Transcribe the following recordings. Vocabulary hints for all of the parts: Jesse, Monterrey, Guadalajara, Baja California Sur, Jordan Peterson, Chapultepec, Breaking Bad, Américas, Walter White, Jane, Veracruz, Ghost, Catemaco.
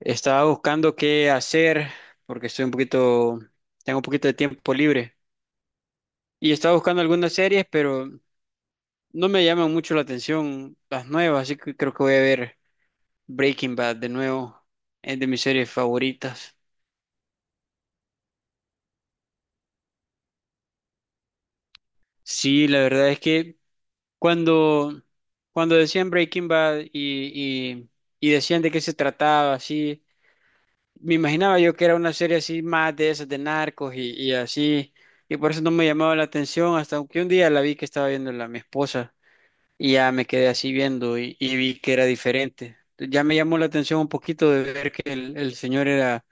Estaba buscando qué hacer porque estoy un poquito, tengo un poquito de tiempo libre. Y estaba buscando algunas series, pero no me llaman mucho la atención las nuevas, así que creo que voy a ver Breaking Bad de nuevo. Es de mis series favoritas. Sí, la verdad es que cuando, cuando decían Breaking Bad y decían de qué se trataba, así. Me imaginaba yo que era una serie así más de esas de narcos y así, y por eso no me llamaba la atención, hasta que un día la vi que estaba viendo la mi esposa y ya me quedé así viendo y vi que era diferente. Ya me llamó la atención un poquito de ver que el señor era,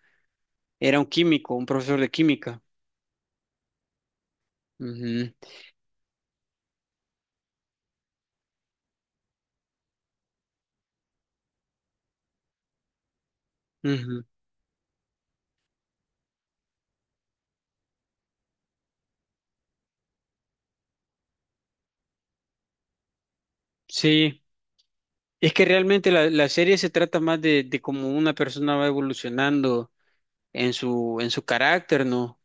era un químico, un profesor de química. Ujú, ujú. Sí, es que realmente la serie se trata más de cómo una persona va evolucionando en su carácter, ¿no?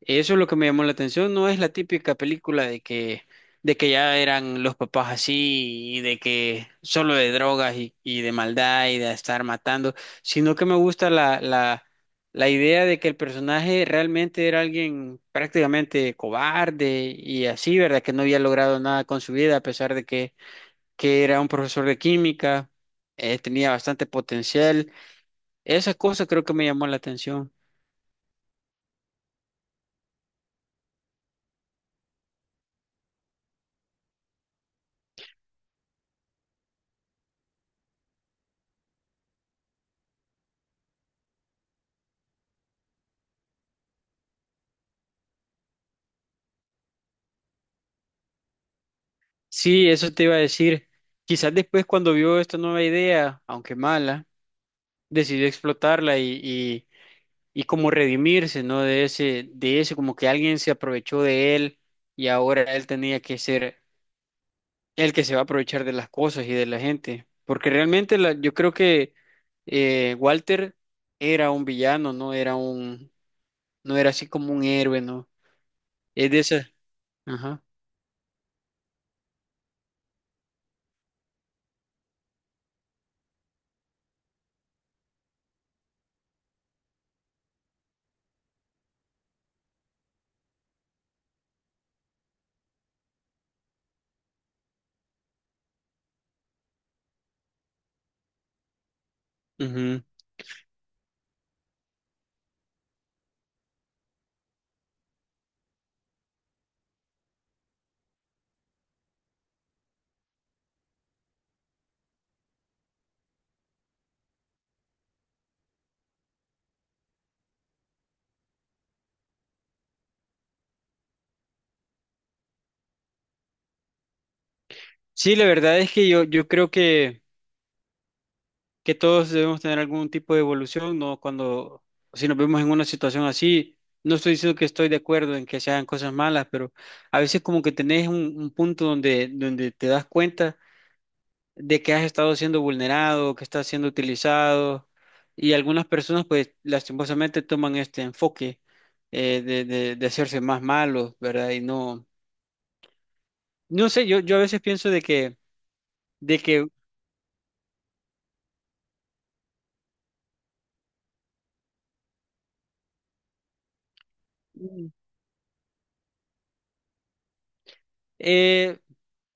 Eso es lo que me llamó la atención, no es la típica película de que ya eran los papás así y de que solo de drogas y de maldad y de estar matando, sino que me gusta la idea de que el personaje realmente era alguien prácticamente cobarde y así, ¿verdad? Que no había logrado nada con su vida a pesar de que era un profesor de química, tenía bastante potencial. Esa cosa creo que me llamó la atención. Sí, eso te iba a decir. Quizás después cuando vio esta nueva idea, aunque mala, decidió explotarla y como redimirse, ¿no? De ese, como que alguien se aprovechó de él y ahora él tenía que ser el que se va a aprovechar de las cosas y de la gente. Porque realmente la- yo creo que Walter era un villano, no era un, no era así como un héroe, ¿no? Es de esas. Ajá. Ujú. Sí, la verdad es que yo creo que todos debemos tener algún tipo de evolución, ¿no? Cuando, si nos vemos en una situación así, no estoy diciendo que estoy de acuerdo en que se hagan cosas malas, pero a veces como que tenés un punto donde, donde te das cuenta de que has estado siendo vulnerado, que estás siendo utilizado, y algunas personas pues lastimosamente toman este enfoque de hacerse más malos, ¿verdad? Y no, no sé, yo a veces pienso de que Eh,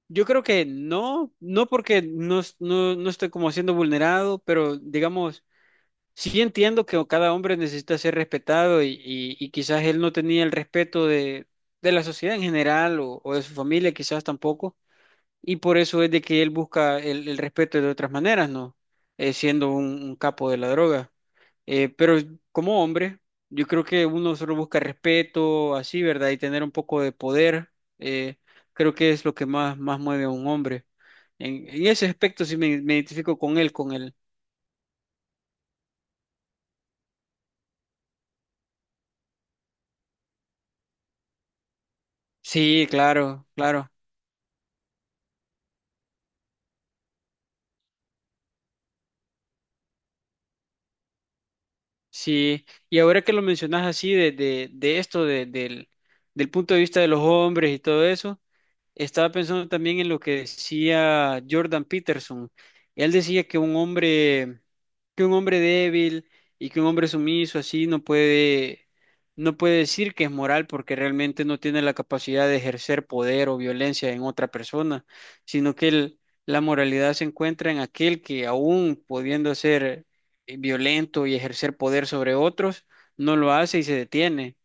yo creo que no, no porque no, es- no, no estoy como siendo vulnerado, pero digamos, sí entiendo que cada hombre necesita ser respetado y quizás él no tenía el respeto de la sociedad en general o de su familia, quizás tampoco. Y por eso es de que él busca el respeto de otras maneras, ¿no? Siendo un capo de la droga. Pero como hombre, yo creo que uno solo busca respeto, así, ¿verdad? Y tener un poco de poder, eh, creo que es lo que más, más mueve a un hombre. En ese aspecto sí me identifico con él, con él. Sí, claro, claro, sí. Y ahora que lo mencionas así de esto, de- del, del punto de vista de los hombres y todo eso. Estaba pensando también en lo que decía Jordan Peterson. Él decía que un hombre débil y que un hombre sumiso así no puede, no puede decir que es moral porque realmente no tiene la capacidad de ejercer poder o violencia en otra persona, sino que el- la moralidad se encuentra en aquel que aún pudiendo ser violento y ejercer poder sobre otros, no lo hace y se detiene.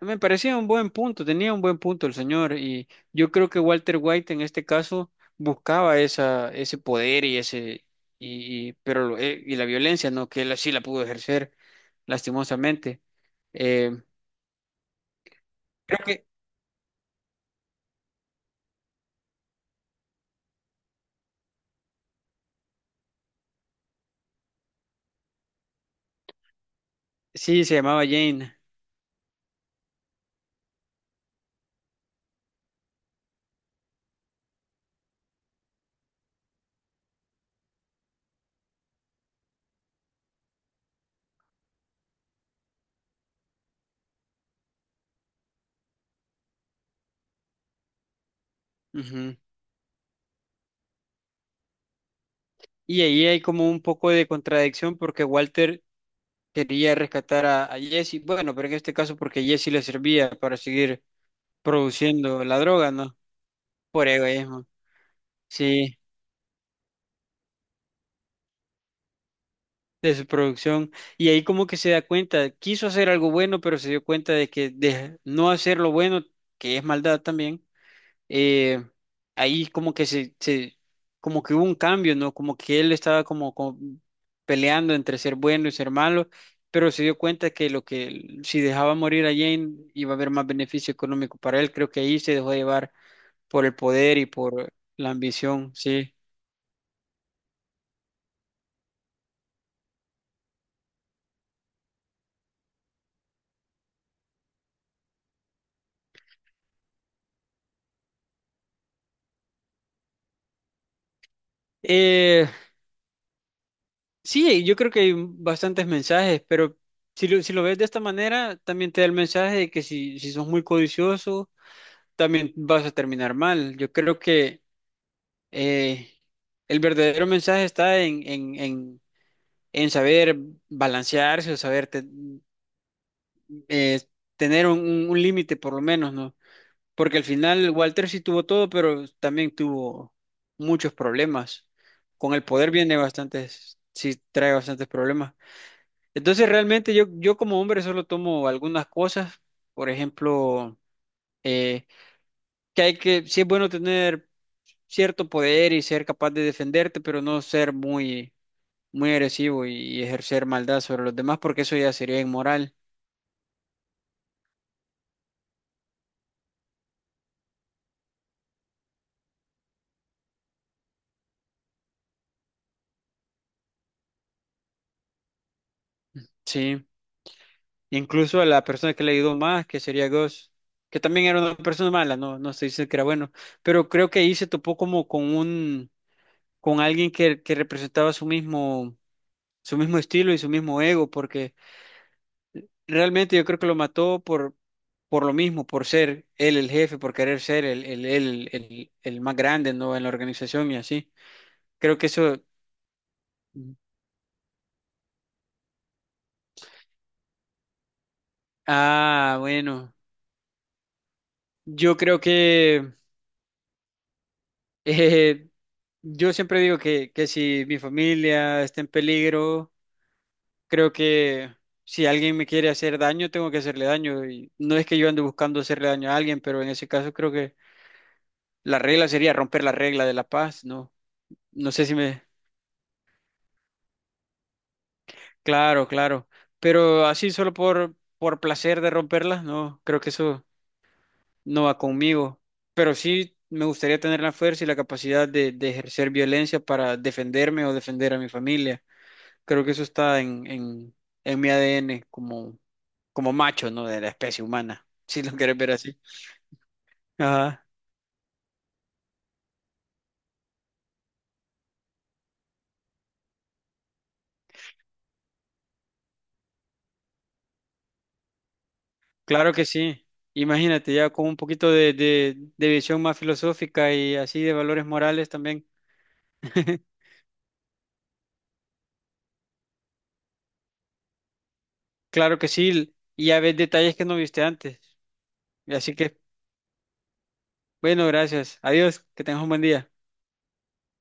Me parecía un buen punto, tenía un buen punto el señor y yo creo que Walter White en este caso buscaba esa, ese poder y ese pero lo- y la violencia, ¿no? Que él así la pudo ejercer lastimosamente. Eh, creo que sí, se llamaba Jane. Ujú. Y ahí hay como un poco de contradicción porque Walter quería rescatar a Jesse, bueno, pero en este caso porque Jesse le servía para seguir produciendo la droga, ¿no? Por egoísmo. Sí. De su producción y ahí como que se da cuenta, quiso hacer algo bueno, pero se dio cuenta de que de no hacer lo bueno, que es maldad también, eh, ahí como que como que hubo un cambio, ¿no? Como que él estaba como, como peleando entre ser bueno y ser malo, pero se dio cuenta que lo que si dejaba morir a Jane iba a haber más beneficio económico para él, creo que ahí se dejó llevar por el poder y por la ambición, sí. Eh, Sí, yo creo que hay bastantes mensajes, pero si lo, si lo ves de esta manera, también te da el mensaje de que si, si sos muy codicioso, también vas a terminar mal. Yo creo que eh, el verdadero mensaje está en saber balancearse o saber te- eh, tener un límite por lo menos, ¿no? Porque al final Walter sí tuvo todo, pero también tuvo muchos problemas. Con el poder viene bastantes, sí trae bastantes problemas. Entonces realmente yo como hombre solo tomo algunas cosas, por ejemplo, eh, que hay que, sí es bueno tener cierto poder y ser capaz de defenderte, pero no ser muy, muy agresivo y ejercer maldad sobre los demás, porque eso ya sería inmoral, sí. Incluso a la persona que le ayudó más, que sería Ghost, que también era una persona mala, no, no se dice que era bueno, pero creo que ahí se topó como con un, con alguien que representaba su mismo estilo y su mismo ego, porque realmente yo creo que lo mató por lo mismo, por ser él el jefe, por querer ser el más grande, ¿no? En la organización y así. Creo que eso... Ah, bueno. Yo creo que... eh, yo siempre digo que si mi familia está en peligro, creo que si alguien me quiere hacer daño, tengo que hacerle daño. Y no es que yo ande buscando hacerle daño a alguien, pero en ese caso creo que la regla sería romper la regla de la paz, ¿no? No sé si me, claro, claro. Pero así solo por placer de romperlas, no, creo que eso no va conmigo. Pero sí me gustaría tener la fuerza y la capacidad de ejercer violencia para defenderme o defender a mi familia. Creo que eso está en mi ADN como, como macho, ¿no? De la especie humana, si lo quieres ver así. Ajá, claro que sí. Imagínate, ya con un poquito de, de visión más filosófica y así de valores morales también. Claro que sí, y ya ves detalles que no viste antes. Así que, bueno, gracias. Adiós, que tengas un buen día.